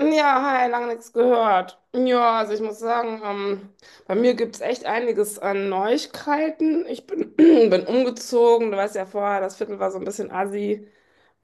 Ja, hi, lange nichts gehört. Ja, also ich muss sagen, bei mir gibt es echt einiges an Neuigkeiten. Ich bin, bin umgezogen, du weißt ja vorher, das Viertel war so ein bisschen assi,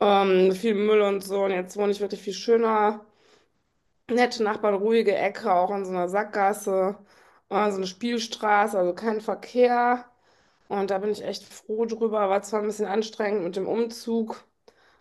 viel Müll und so. Und jetzt wohne ich wirklich viel schöner. Nette Nachbarn, ruhige Ecke, auch in so einer Sackgasse, so eine Spielstraße, also kein Verkehr. Und da bin ich echt froh drüber. War zwar ein bisschen anstrengend mit dem Umzug.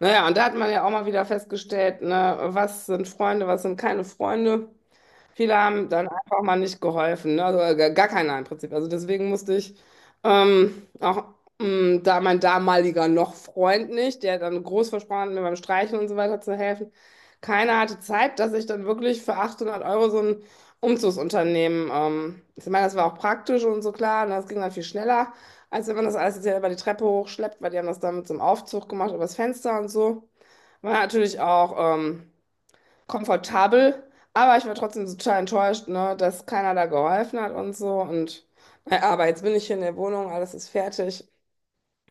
Naja, und da hat man ja auch mal wieder festgestellt, ne, was sind Freunde, was sind keine Freunde. Viele haben dann einfach mal nicht geholfen, ne? Also gar keiner im Prinzip. Also deswegen musste ich auch da mein damaliger noch Freund nicht, der dann groß versprochen hat, mir beim Streichen und so weiter zu helfen. Keiner hatte Zeit, dass ich dann wirklich für 800 € so ein Umzugsunternehmen, ich meine, das war auch praktisch und so klar, und das ging dann viel schneller, als wenn man das alles jetzt selber die Treppe hochschleppt, weil die haben das dann mit so einem Aufzug gemacht, übers Fenster und so. War natürlich auch komfortabel, aber ich war trotzdem total enttäuscht, ne, dass keiner da geholfen hat und so. Und naja, aber jetzt bin ich hier in der Wohnung, alles ist fertig.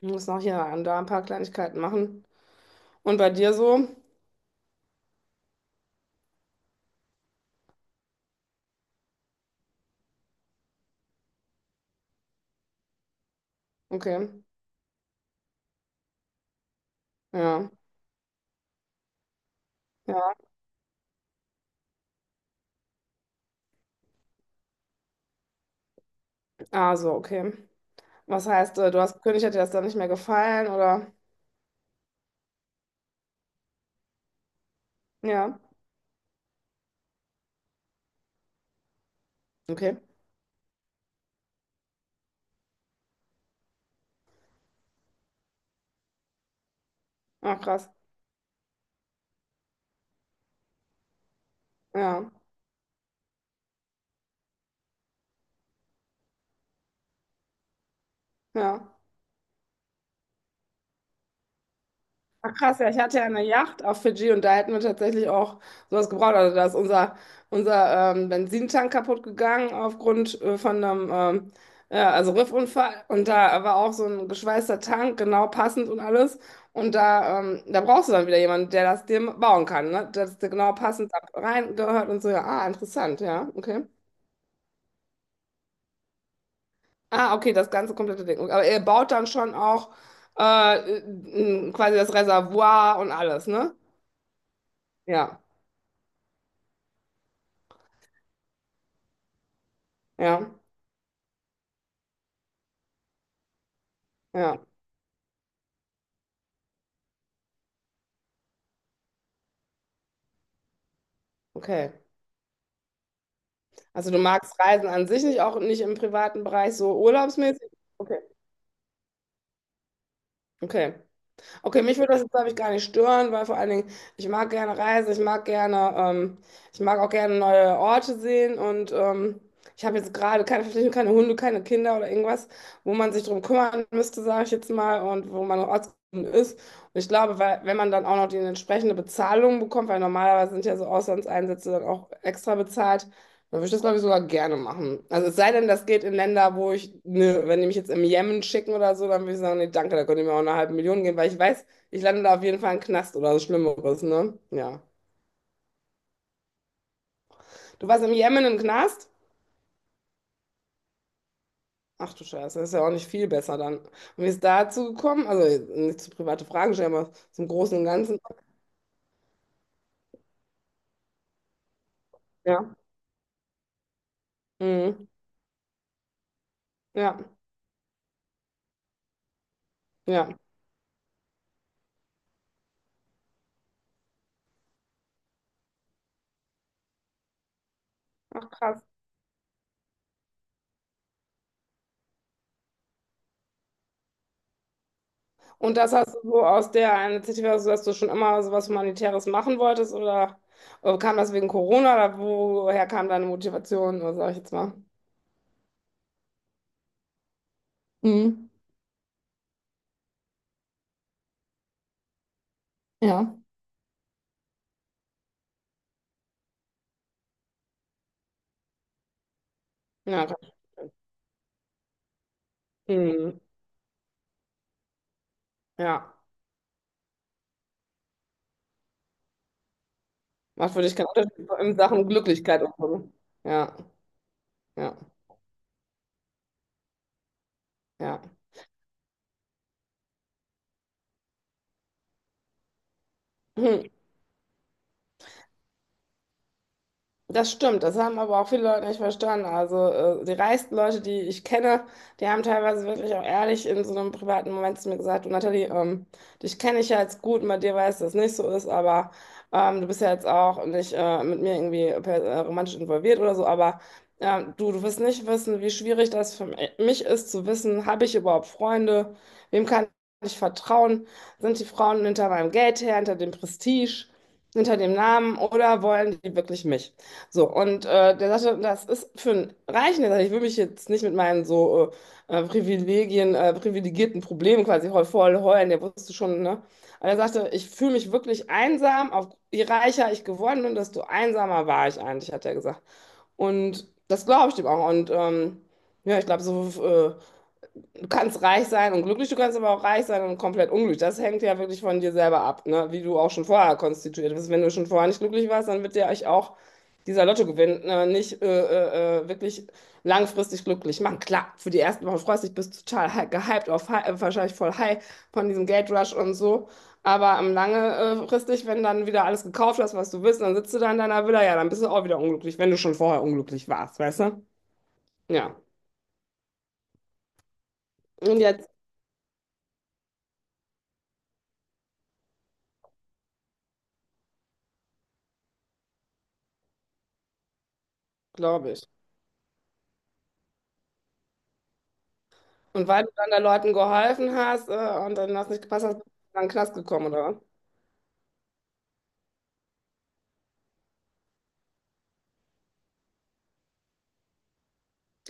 Ich muss noch hier und da ein paar Kleinigkeiten machen. Und bei dir so? Okay. Ja. Ja. Ah, so, okay. Was heißt, du hast gekündigt, hat dir das dann nicht mehr gefallen oder? Ja. Okay. Ach, krass. Ja. Ja. Krass, ja, ich hatte ja eine Yacht auf Fidschi und da hätten wir tatsächlich auch sowas gebraucht. Also da ist unser Benzintank kaputt gegangen aufgrund von einem ja, also Riffunfall. Und da war auch so ein geschweißter Tank, genau passend und alles. Und da, da brauchst du dann wieder jemanden, der das dir bauen kann, ne? Dass der genau passend da reingehört und so. Ja, ah, interessant, ja, okay. Ah, okay, das ganze komplette Ding. Aber ihr baut dann schon auch äh, quasi das Reservoir und alles, ne? Ja, ja. Ja, okay. Also du magst Reisen an sich nicht, auch nicht im privaten Bereich, so urlaubsmäßig? Okay. Okay. Okay, mich würde das jetzt, glaube ich, gar nicht stören, weil vor allen Dingen, ich mag gerne reisen, ich mag gerne, ich mag auch gerne neue Orte sehen und ich habe jetzt gerade keine Verpflichtung, keine Hunde, keine Kinder oder irgendwas, wo man sich drum kümmern müsste, sage ich jetzt mal, und wo man noch ortsgebunden ist. Und ich glaube, weil, wenn man dann auch noch die entsprechende Bezahlung bekommt, weil normalerweise sind ja so Auslandseinsätze dann auch extra bezahlt, dann würde ich das, glaube ich, sogar gerne machen. Also es sei denn, das geht in Länder, wo ich, ne, wenn die mich jetzt im Jemen schicken oder so, dann würde ich sagen, nee, danke, da könnt ihr mir auch eine halbe Million geben, weil ich weiß, ich lande da auf jeden Fall im Knast oder was Schlimmeres, ne? Ja. Du warst im Jemen im Knast? Ach du Scheiße, das ist ja auch nicht viel besser dann. Und wie ist dazu gekommen? Also nicht zu private Fragen stellen, aber zum Großen und Ganzen. Ja. Mhm. Ja. Ja. Ach krass. Und das hast du so aus der Initiative, also dass du schon immer so was Humanitäres machen wolltest oder kam das wegen Corona oder woher kam deine Motivation, oder sag ich jetzt mal? Mhm. Ja. Ja, kann ich verstehen. Mhm. Ja, macht für dich keinen Unterschied so in Sachen Glücklichkeit und so. Ja, ja, ja. Hm. Das stimmt, das haben aber auch viele Leute nicht verstanden. Also die reichsten Leute, die ich kenne, die haben teilweise wirklich auch ehrlich in so einem privaten Moment zu mir gesagt, du Nathalie, dich kenne ich ja jetzt gut und bei dir weiß, dass es nicht so ist, aber du bist ja jetzt auch nicht mit mir irgendwie romantisch involviert oder so, aber du wirst nicht wissen, wie schwierig das für mich ist zu wissen, habe ich überhaupt Freunde, wem kann ich vertrauen, sind die Frauen hinter meinem Geld her, hinter dem Prestige, hinter dem Namen oder wollen die wirklich mich? So, und der sagte, das ist für einen Reichen, der sagte, ich will mich jetzt nicht mit meinen so Privilegien, privilegierten Problemen quasi heu voll heulen, der wusste schon, ne? Aber er sagte, ich fühle mich wirklich einsam, auf, je reicher ich geworden bin, desto einsamer war ich eigentlich, hat er gesagt. Und das glaube ich dem auch. Und ja, ich glaube, so du kannst reich sein und glücklich, du kannst aber auch reich sein und komplett unglücklich. Das hängt ja wirklich von dir selber ab, ne? Wie du auch schon vorher konstituiert bist. Wenn du schon vorher nicht glücklich warst, dann wird dir euch auch dieser Lottogewinn nicht wirklich langfristig glücklich machen. Klar, für die ersten Wochen freust du dich, bist total gehypt, auf, wahrscheinlich voll high von diesem Geldrush und so. Aber langfristig, wenn dann wieder alles gekauft hast, was du willst, dann sitzt du da in deiner Villa, ja, dann bist du auch wieder unglücklich, wenn du schon vorher unglücklich warst, weißt du? Ja. Und jetzt, glaube ich. Und weil du dann den Leuten geholfen hast, und dann hast nicht gepasst hast, bist du dann in den Knast gekommen, oder?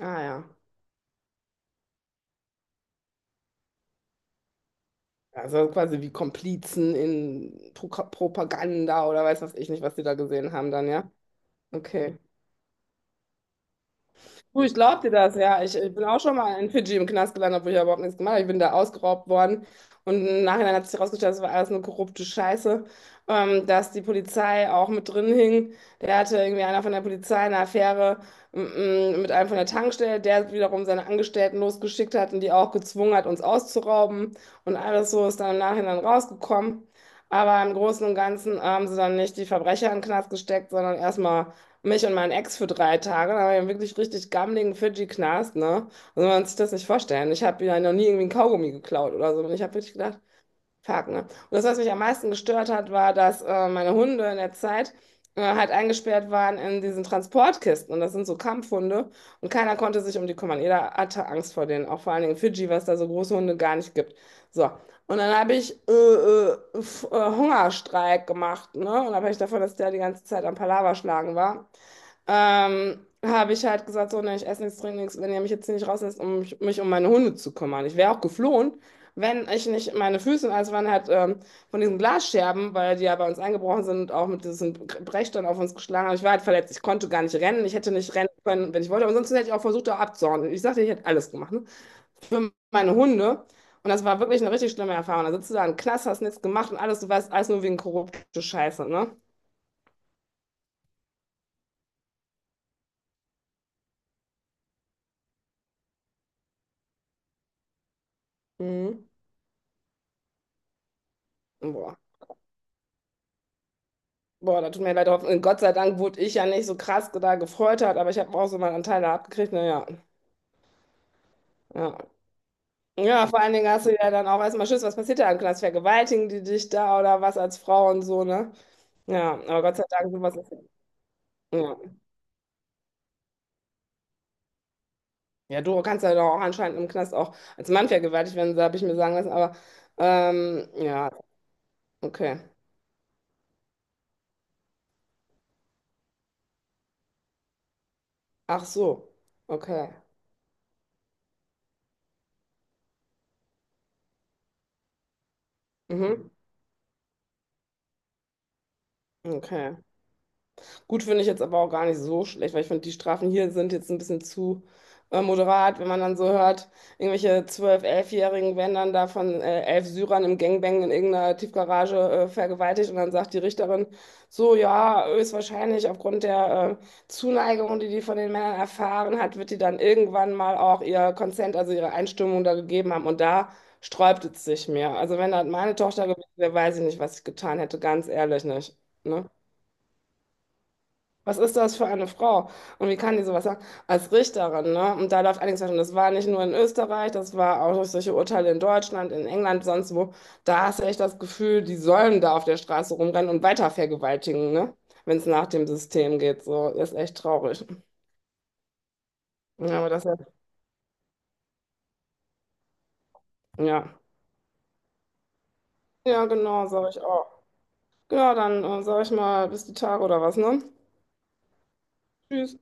Ah ja. Also quasi wie Komplizen in Pro Propaganda oder weiß was ich nicht, was die da gesehen haben dann, ja? Okay. Du, ich glaube dir das, ja. Ich bin auch schon mal in Fidschi im Knast gelandet, obwohl ich da überhaupt nichts gemacht habe. Ich bin da ausgeraubt worden. Und im Nachhinein hat sich herausgestellt, das war alles eine korrupte Scheiße, dass die Polizei auch mit drin hing. Der hatte irgendwie einer von der Polizei eine Affäre m- mit einem von der Tankstelle, der wiederum seine Angestellten losgeschickt hat und die auch gezwungen hat, uns auszurauben. Und alles so ist dann im Nachhinein rausgekommen. Aber im Großen und Ganzen haben sie dann nicht die Verbrecher in den Knast gesteckt, sondern erstmal mich und meinen Ex für 3 Tage. Da war ich wirklich richtig gammeligen Fidschi-Knast, ne? Also man kann sich das nicht vorstellen. Ich habe ja noch nie irgendwie einen Kaugummi geklaut oder so. Und ich habe wirklich gedacht, fuck, ne? Und das, was mich am meisten gestört hat, war, dass meine Hunde in der Zeit halt eingesperrt waren in diesen Transportkisten. Und das sind so Kampfhunde. Und keiner konnte sich um die kümmern. Jeder hatte Angst vor denen. Auch vor allen Dingen in Fidschi, was da so große Hunde gar nicht gibt. So. Und dann habe ich Hungerstreik gemacht, ne? Und da habe ich davon, dass der die ganze Zeit am Palaver schlagen war habe ich halt gesagt, so, ne, ich esse nichts, trinke nichts, wenn ihr mich jetzt hier nicht rauslässt, um mich um meine Hunde zu kümmern. Ich wäre auch geflohen, wenn ich nicht meine Füße, und alles waren halt von diesen Glasscherben, weil die ja bei uns eingebrochen sind und auch mit diesen Brechstangen auf uns geschlagen haben. Ich war halt verletzt, ich konnte gar nicht rennen, ich hätte nicht rennen können, wenn ich wollte, aber sonst hätte ich auch versucht, da abzuhauen. Ich sagte, ich hätte alles gemacht, ne? Für meine Hunde. Und das war wirklich eine richtig schlimme Erfahrung. Da sitzt du da im Knast, hast nichts gemacht und alles, du weißt, alles nur wegen korrupte Scheiße, ne? Mhm. Boah. Boah, da tut mir leid, hoffen. Gott sei Dank wurde ich ja nicht so krass da gefreutert, aber ich habe auch so meinen Anteil da abgekriegt. Naja, ja. Ja, vor allen Dingen hast du ja dann auch erstmal Schiss, was passiert da im Knast? Vergewaltigen die dich da oder was als Frau und so, ne? Ja, aber Gott sei Dank, sowas ist. Ja, ja du kannst ja doch auch anscheinend im Knast auch als Mann vergewaltigt werden, habe ich mir sagen lassen, aber ja, okay. Ach so, okay. Mhm. Okay. Gut finde ich jetzt aber auch gar nicht so schlecht, weil ich finde, die Strafen hier sind jetzt ein bisschen zu moderat, wenn man dann so hört, irgendwelche 12, 11-Jährigen werden dann da von 11 Syrern im Gangbang in irgendeiner Tiefgarage vergewaltigt und dann sagt die Richterin so, ja, höchstwahrscheinlich aufgrund der Zuneigung, die die von den Männern erfahren hat, wird die dann irgendwann mal auch ihr Consent, also ihre Einstimmung da gegeben haben und da sträubt es sich mir. Also wenn das meine Tochter gewesen wäre, weiß ich nicht, was ich getan hätte, ganz ehrlich nicht. Ne? Was ist das für eine Frau? Und wie kann die sowas sagen? Als Richterin, ne? Und da läuft einiges falsch. Und das war nicht nur in Österreich, das war auch durch solche Urteile in Deutschland, in England, sonst wo. Da hast du echt das Gefühl, die sollen da auf der Straße rumrennen und weiter vergewaltigen, ne? Wenn es nach dem System geht. So, ist echt traurig. Ja, aber das, ja. Ja, genau, sag ich auch. Genau, dann sag ich mal, bis die Tage oder was, ne? Tschüss.